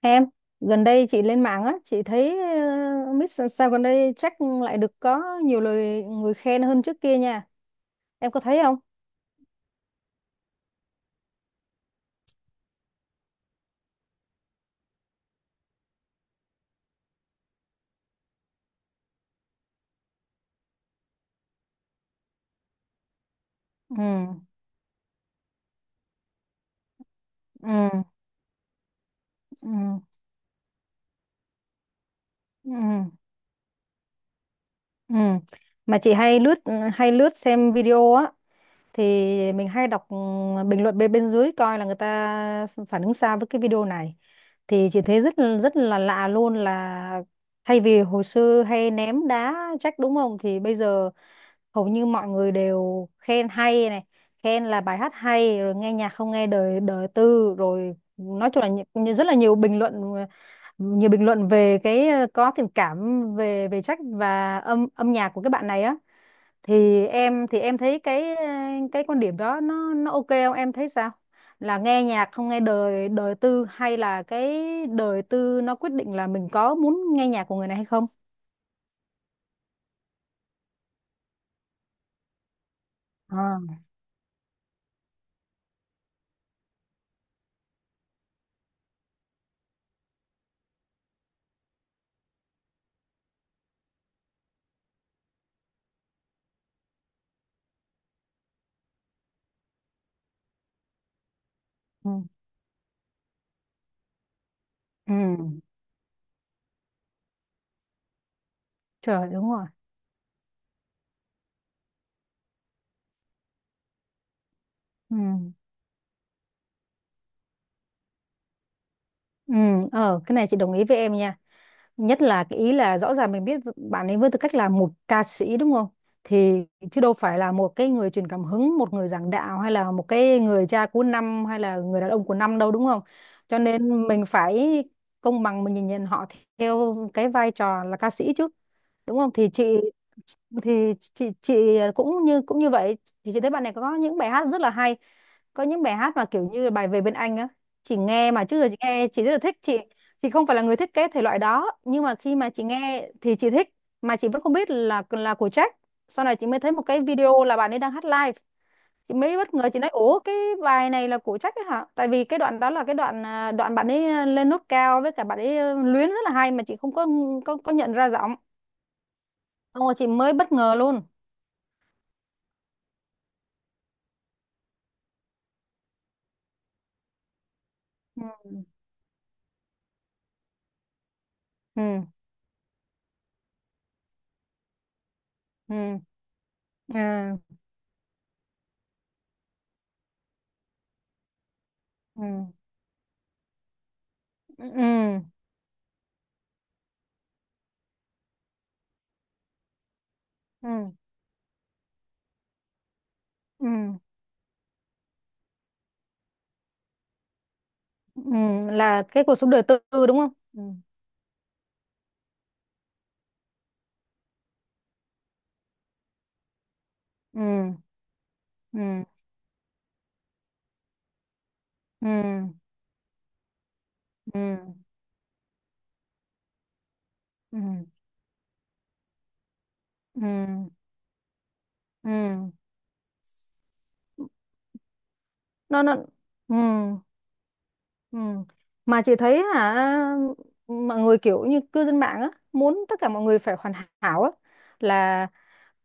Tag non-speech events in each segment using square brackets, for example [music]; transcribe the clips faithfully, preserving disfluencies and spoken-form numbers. Em, gần đây chị lên mạng á, chị thấy uh, Miss sao gần đây chắc lại được có nhiều lời người khen hơn trước kia nha. Em có thấy không? Ừ, ừ, ừ, ừ, ừ. Mà chị hay lướt hay lướt xem video á, thì mình hay đọc, ừ, bình luận bên bên dưới coi là người ta phản ứng sao với cái video này. Thì chị thấy rất rất là lạ luôn, là thay vì hồi xưa hay ném đá trách, đúng không, thì bây giờ hầu như mọi người đều khen hay này, khen là bài hát hay rồi, nghe nhạc không nghe đời đời tư rồi, nói chung là nhi- nhi- rất là nhiều bình luận nhiều bình luận về cái, ờ, có tình cảm về về trách và âm âm nhạc của các bạn này á. Thì em thì em thấy cái, ờ, cái quan điểm đó nó nó ok không, em thấy sao? Là nghe nhạc không nghe đời đời tư hay là cái đời tư nó quyết định là mình có muốn nghe nhạc của người này hay không? À, ừ. Ừ. Trời, đúng rồi. Ừ. Ừ. Ờ cái này chị đồng ý với em nha, nhất là cái ý là rõ ràng mình biết bạn ấy với tư cách là một ca sĩ, đúng không, thì chứ đâu phải là một cái người truyền cảm hứng, một người giảng đạo hay là một cái người cha của năm hay là người đàn ông của năm đâu, đúng không, cho nên mình phải công bằng, mình nhìn nhận họ theo cái vai trò là ca sĩ chứ, đúng không. Thì chị thì chị chị cũng như cũng như vậy, thì chị thấy bạn này có những bài hát rất là hay, có những bài hát mà kiểu như bài Về bên anh á, chị nghe mà trước giờ chị nghe chị rất là thích, chị chị không phải là người thiết kế thể loại đó nhưng mà khi mà chị nghe thì chị thích, mà chị vẫn không biết là là của Jack. Sau này chị mới thấy một cái video là bạn ấy đang hát live, chị mới bất ngờ, chị nói ủa, cái bài này là của Jack ấy hả? Tại vì cái đoạn đó là cái đoạn à, đoạn bạn ấy à, lên nốt cao, với cả bạn ấy à, luyến rất là hay mà chị không có có, có nhận ra giọng. Xong rồi chị mới bất ngờ luôn. Ừ, ừ, ừ, ừ, ừ, ừ, ừ, ừ, ừ, ừ, là cái cuộc sống đời tư, đúng không? Ừ, ừ, ừ, ừ, ừ. Ừ, ừ, ừ, ừ, nó nó ừ, ừ, mà chị thấy hả, mọi người kiểu như cư dân mạng á muốn tất cả mọi người phải hoàn hảo á, là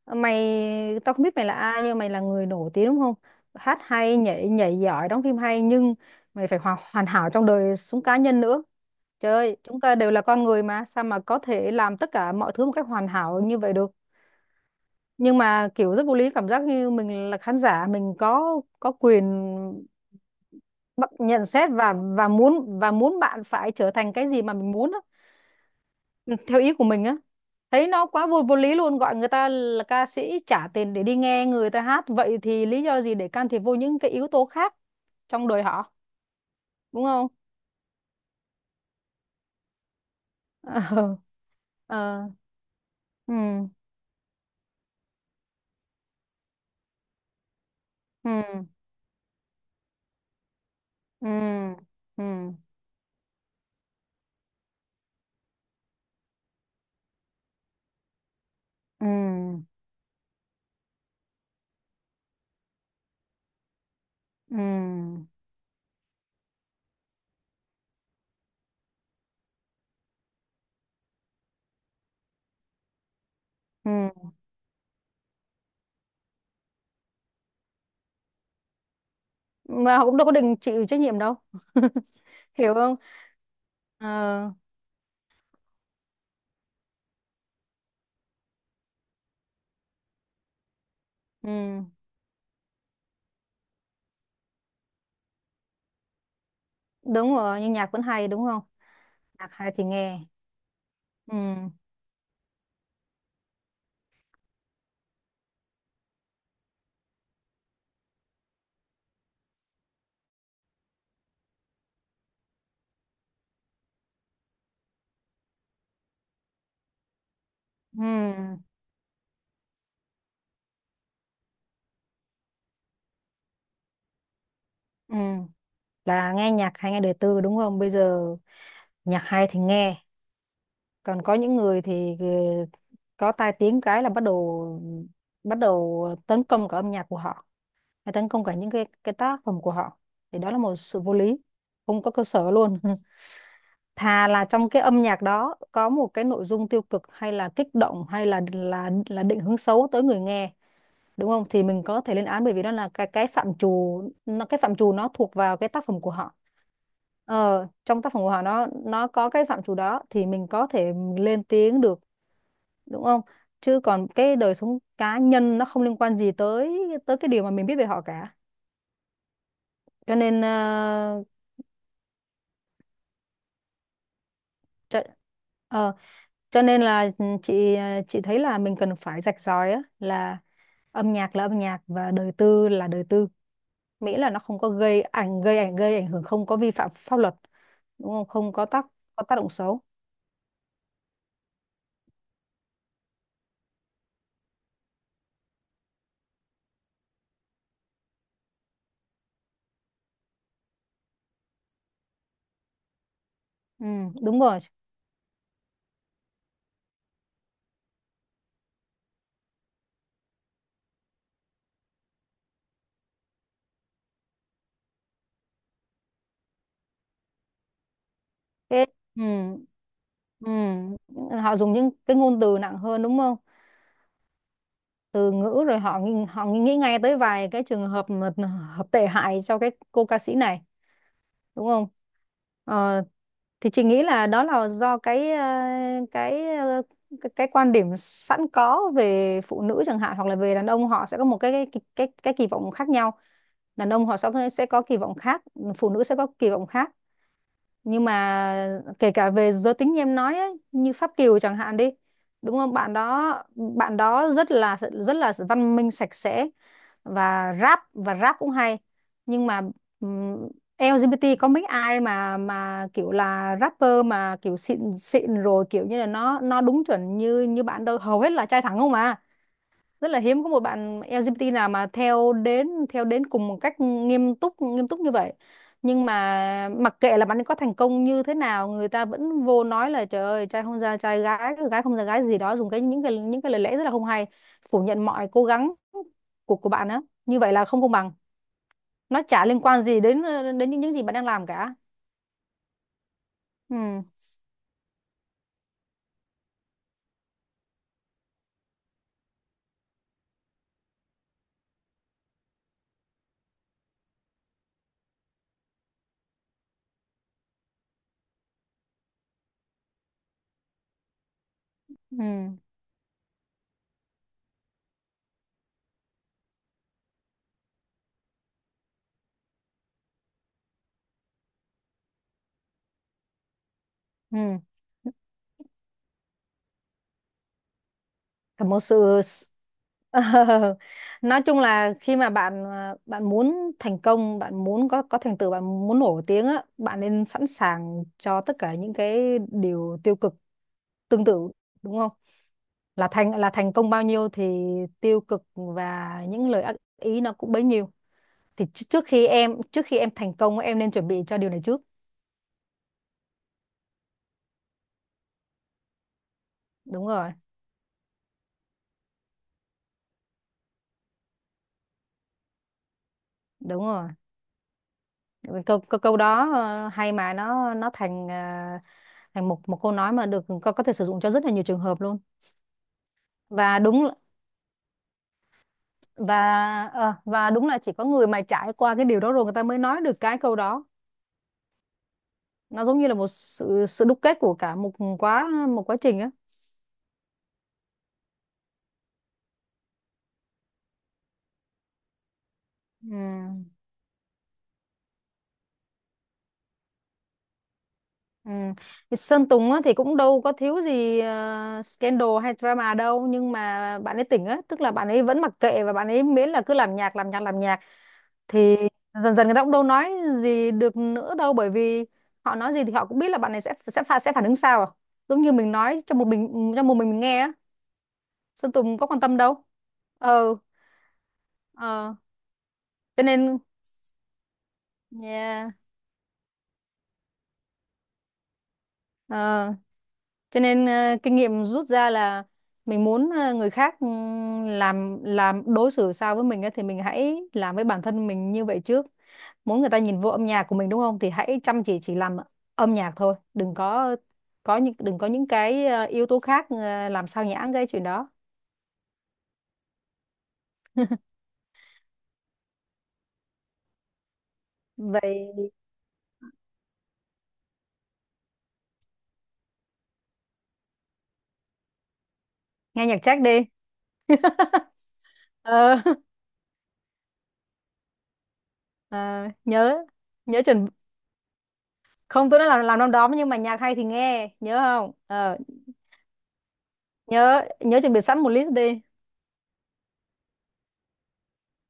mày, tao không biết mày là ai nhưng mày là người nổi tiếng, đúng không, hát hay, nhảy nhảy giỏi, đóng phim hay, nhưng mày phải hoàn hoàn hảo trong đời sống cá nhân nữa. Trời ơi, chúng ta đều là con người mà, sao mà có thể làm tất cả mọi thứ một cách hoàn hảo như vậy được? Nhưng mà kiểu rất vô lý, cảm giác như mình là khán giả, mình có có quyền bắt- nhận xét và và muốn và muốn bạn phải trở thành cái gì mà mình muốn á, ừ, theo ý của mình á. Thấy nó quá vô vô lý luôn, gọi người ta là ca sĩ, trả tiền để đi nghe người ta hát, vậy thì lý do gì để can thiệp vô những cái yếu tố khác trong đời họ, đúng không? [laughs] Ờ. Ờ. Ừ, ừ, ừ, ừ, ừ, ừ, ừ, ừ, ừ. Mà họ cũng đâu có đừng chịu trách nhiệm đâu. [laughs] Hiểu không? Ờ. Ừ. Đúng rồi, nhưng nhạc vẫn hay, đúng không? Nhạc hay thì nghe. Ừ, ừ, ừ, là nghe nhạc hay nghe đời tư, đúng không, bây giờ nhạc hay thì nghe. Còn có những người thì, ừ, có tai tiếng cái là bắt đầu bắt đầu tấn công cả âm nhạc của họ, và tấn công cả những cái cái tác phẩm của họ, thì đó là một sự vô lý, không có cơ sở luôn. [laughs] Thà là trong cái âm nhạc đó có một cái nội dung tiêu cực hay là kích động hay là là là định hướng xấu tới người nghe, đúng không, thì mình có thể lên án, bởi vì đó là cái cái phạm trù nó cái phạm trù nó thuộc vào cái tác phẩm của họ. Ờ, trong tác phẩm của họ nó nó có cái phạm trù đó thì mình có thể lên tiếng được, đúng không. Chứ còn cái đời sống cá nhân nó không liên quan gì tới tới cái điều mà mình biết về họ cả. Cho nên ờ, cho, ờ, cho nên là ừ, chị ờ, chị thấy là mình cần phải rạch ròi á, là âm nhạc là âm nhạc và đời tư là đời tư, miễn là nó không có gây ảnh gây ảnh gây ảnh hưởng, không có vi phạm pháp luật, đúng không, không có tác có tác động xấu. Ừ, đúng rồi. Thế- ừ. Ừ. Họ dùng những cái ngôn từ nặng hơn, đúng không, từ ngữ, rồi họ nghĩ- họ nghĩ ngay tới vài cái trường hợp mà hợp tệ hại cho cái cô ca sĩ này, đúng không. ờ, thì chị nghĩ là đó là do cái ờ, cái ờ, cái, cái quan điểm sẵn có về phụ nữ chẳng hạn, hoặc là về đàn ông, họ sẽ có một cái cái cái, cái kỳ vọng khác nhau. Đàn ông họ sẽ sẽ có kỳ vọng khác, phụ nữ sẽ có kỳ vọng khác, nhưng mà kể cả về giới tính, như em nói ấy, như Pháp Kiều chẳng hạn đi, đúng không, bạn đó bạn đó rất là rất là văn minh, sạch sẽ, và rap và rap cũng hay, nhưng mà ừm, lờ giê bê tê có mấy ai mà mà kiểu là rapper mà kiểu xịn xịn rồi, kiểu như là nó nó đúng chuẩn như như bạn đâu, hầu hết là trai thẳng không à. Rất là hiếm có một bạn lờ giê bê tê nào mà theo đến theo đến cùng một cách nghiêm túc nghiêm túc như vậy. Nhưng mà mặc kệ là bạn ấy có thành công như thế nào, người ta vẫn vô nói là trời ơi, trai không ra trai, gái gái không ra gái gì đó, dùng cái những cái những cái lời lẽ rất là không hay, phủ nhận mọi cố gắng của của bạn á. Như vậy là không công bằng, nó chả liên quan gì đến đến những, những gì bạn đang làm cả. Ừ, ừ, ừ. Thật một sự [laughs] Ờ, nói chung là khi mà bạn à, bạn muốn thành công, bạn muốn có có thành tựu, bạn muốn nổi tiếng á, bạn nên sẵn sàng cho tất cả những cái điều tiêu cực tương tự, đúng không? Là thành là thành công bao nhiêu thì tiêu cực và những lời ác ý nó cũng bấy nhiêu. Thì tr- trước khi em trước khi em thành công, em nên chuẩn bị cho điều này trước. Đúng rồi. Đúng rồi. Câu câu, câu đó ờ, hay mà nó nó thành à, thành một một câu nói mà được có có thể sử dụng cho rất là nhiều trường hợp luôn. Và đúng và ờ, và đúng là chỉ có người mà trải qua cái điều đó rồi, người ta mới nói được cái câu đó. Nó giống như là một sự sự đúc kết của cả một quá một quá trình á. Ừ. Ừ. Thì Sơn Tùng á, thì cũng đâu có thiếu gì ờ, scandal hay drama đâu, nhưng mà bạn ấy tỉnh á, tức là bạn ấy vẫn mặc kệ, và bạn ấy miễn là cứ làm nhạc, làm nhạc, làm nhạc, thì dần dần người ta cũng đâu nói gì được nữa đâu, bởi vì họ nói gì thì họ cũng biết là bạn này sẽ sẽ pha- sẽ phản ứng sao à? Giống như mình nói cho một mình cho một mình mình nghe á, Sơn Tùng có quan tâm đâu. Ừ. Ờ. cho nên yeah. ờ, cho nên ờ, kinh nghiệm rút ra là mình muốn ờ, người khác ừ, làm làm đối xử sao với mình ấy, thì mình hãy làm với bản thân mình như vậy trước. Muốn người ta nhìn vô âm nhạc của mình, đúng không, thì hãy chăm chỉ chỉ làm âm nhạc thôi, đừng có có những đừng có những cái ờ, yếu tố khác ờ, làm sao nhãng cái chuyện đó. [laughs] Vậy nghe nhạc Jack đi. Ờ. [laughs] Ờ, nhớ, nhớ chuẩn không, tôi nói là làm năm đó nhưng mà nhạc hay thì nghe, nhớ không? Ờ. Nhớ, nhớ chuẩn bị sẵn một list đi.